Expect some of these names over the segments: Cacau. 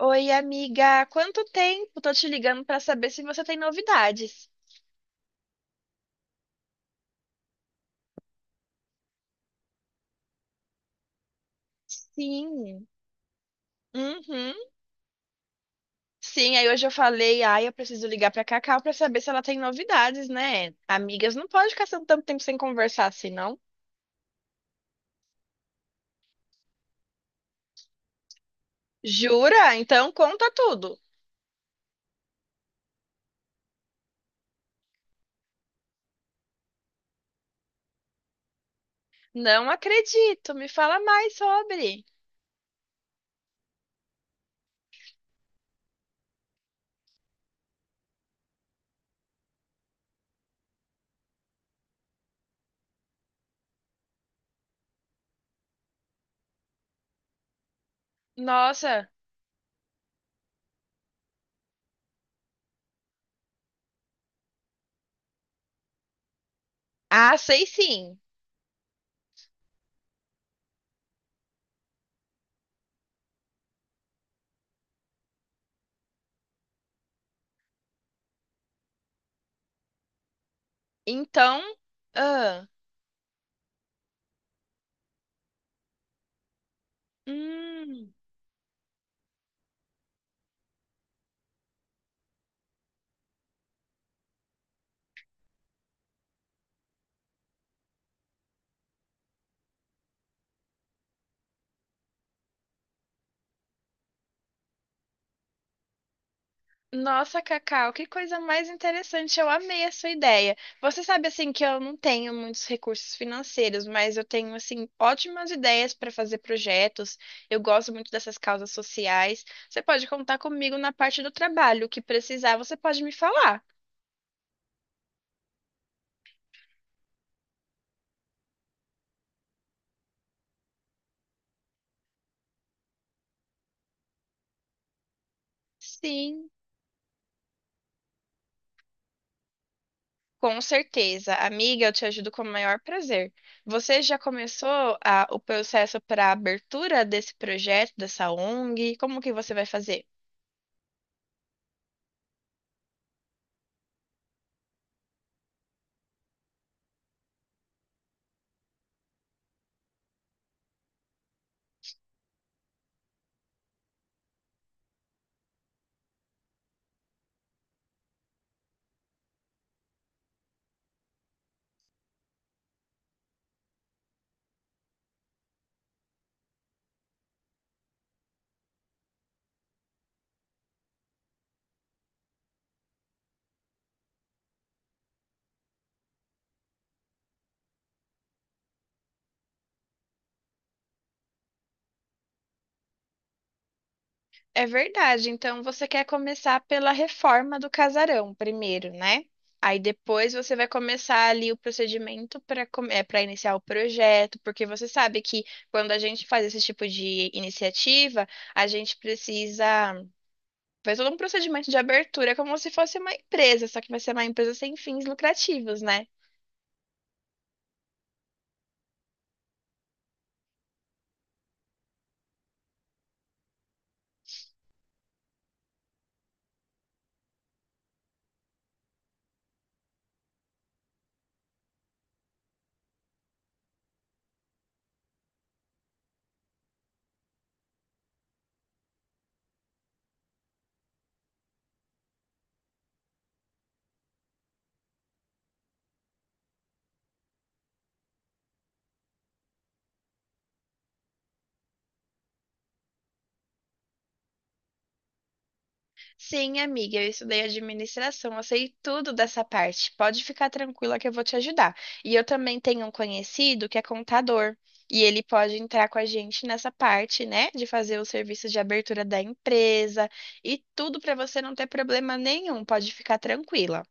Oi, amiga, há quanto tempo? Tô te ligando pra saber se você tem novidades. Sim. Uhum. Sim, aí hoje eu falei, ai, eu preciso ligar pra Cacau pra saber se ela tem novidades, né? Amigas, não pode ficar tanto tempo sem conversar assim, não? Jura? Então conta tudo. Não acredito, me fala mais sobre. Nossa. Ah, sei sim. Então, ah, hum. Nossa, Cacau, que coisa mais interessante. Eu amei a sua ideia. Você sabe assim que eu não tenho muitos recursos financeiros, mas eu tenho assim ótimas ideias para fazer projetos. Eu gosto muito dessas causas sociais. Você pode contar comigo na parte do trabalho, o que precisar, você pode me falar. Sim, com certeza. Amiga, eu te ajudo com o maior prazer. Você já começou o processo para a abertura desse projeto, dessa ONG? Como que você vai fazer? É verdade. Então você quer começar pela reforma do casarão primeiro, né? Aí depois você vai começar ali o procedimento para para iniciar o projeto, porque você sabe que quando a gente faz esse tipo de iniciativa, a gente precisa fazer todo um procedimento de abertura, como se fosse uma empresa, só que vai ser uma empresa sem fins lucrativos, né? Sim, amiga, eu estudei administração, eu sei tudo dessa parte. Pode ficar tranquila que eu vou te ajudar. E eu também tenho um conhecido que é contador, e ele pode entrar com a gente nessa parte, né, de fazer o serviço de abertura da empresa e tudo para você não ter problema nenhum. Pode ficar tranquila.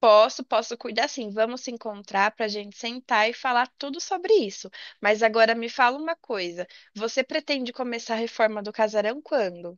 Posso, posso cuidar sim. Vamos se encontrar para a gente sentar e falar tudo sobre isso. Mas agora me fala uma coisa: você pretende começar a reforma do casarão quando?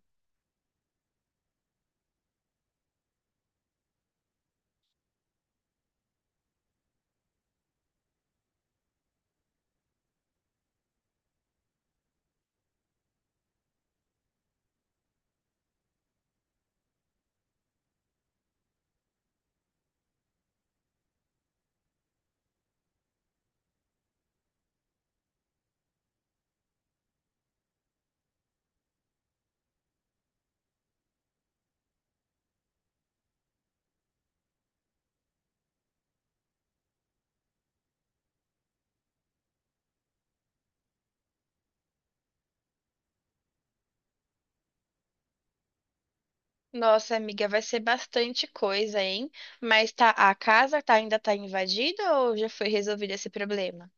Nossa, amiga, vai ser bastante coisa, hein? Mas tá, a casa tá, ainda tá invadida ou já foi resolvido esse problema?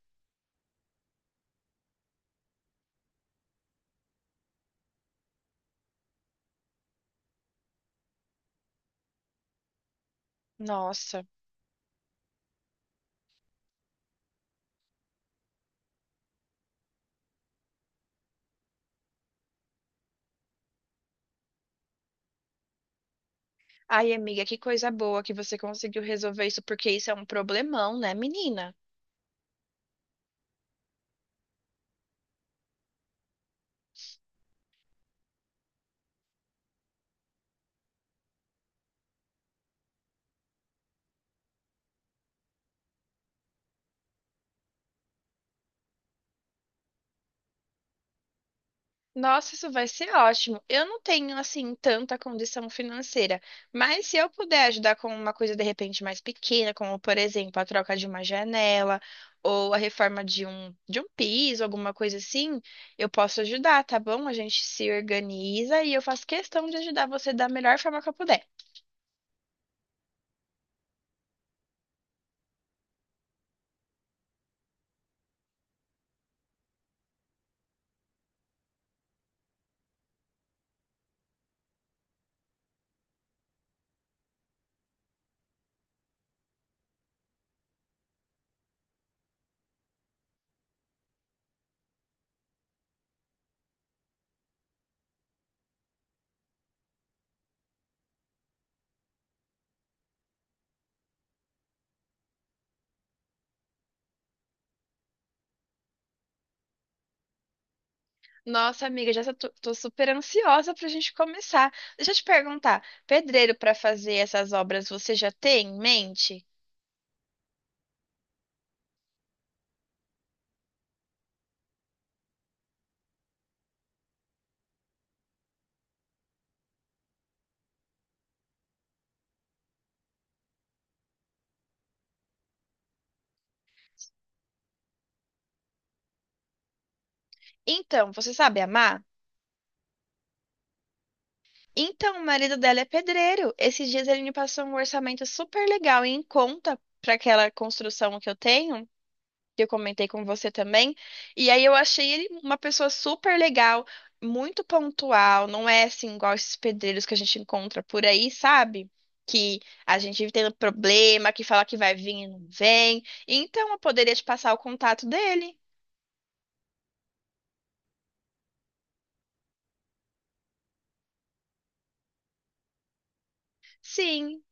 Nossa. Ai, amiga, que coisa boa que você conseguiu resolver isso, porque isso é um problemão, né, menina? Nossa, isso vai ser ótimo. Eu não tenho, assim, tanta condição financeira, mas se eu puder ajudar com uma coisa de repente mais pequena, como, por exemplo, a troca de uma janela ou a reforma de de um piso, alguma coisa assim, eu posso ajudar, tá bom? A gente se organiza e eu faço questão de ajudar você da melhor forma que eu puder. Nossa, amiga, já tô super ansiosa pra gente começar. Deixa eu te perguntar, pedreiro para fazer essas obras você já tem em mente? Então, você sabe amar? Então, o marido dela é pedreiro. Esses dias ele me passou um orçamento super legal e em conta para aquela construção que eu tenho, que eu comentei com você também. E aí eu achei ele uma pessoa super legal, muito pontual, não é assim igual esses pedreiros que a gente encontra por aí, sabe? Que a gente tem um problema, que fala que vai vir e não vem. Então, eu poderia te passar o contato dele. Sim,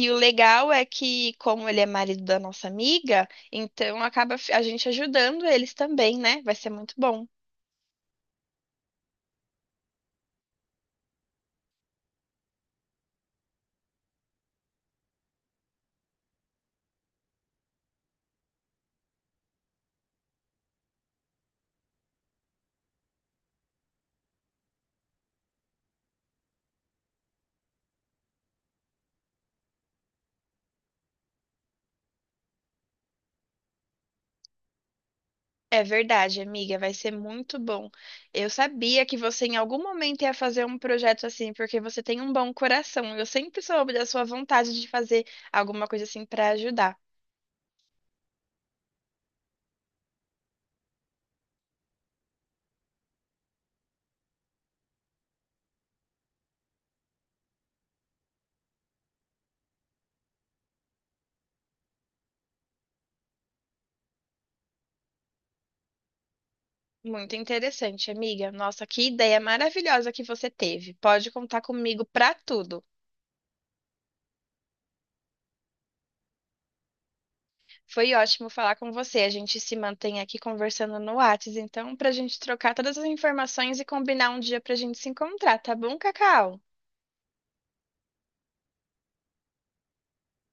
e o legal é que, como ele é marido da nossa amiga, então acaba a gente ajudando eles também, né? Vai ser muito bom. É verdade, amiga, vai ser muito bom. Eu sabia que você em algum momento ia fazer um projeto assim, porque você tem um bom coração. Eu sempre soube da sua vontade de fazer alguma coisa assim para ajudar. Muito interessante, amiga. Nossa, que ideia maravilhosa que você teve. Pode contar comigo para tudo. Foi ótimo falar com você. A gente se mantém aqui conversando no Whats, então, para a gente trocar todas as informações e combinar um dia para a gente se encontrar, tá bom, Cacau?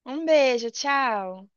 Um beijo, tchau.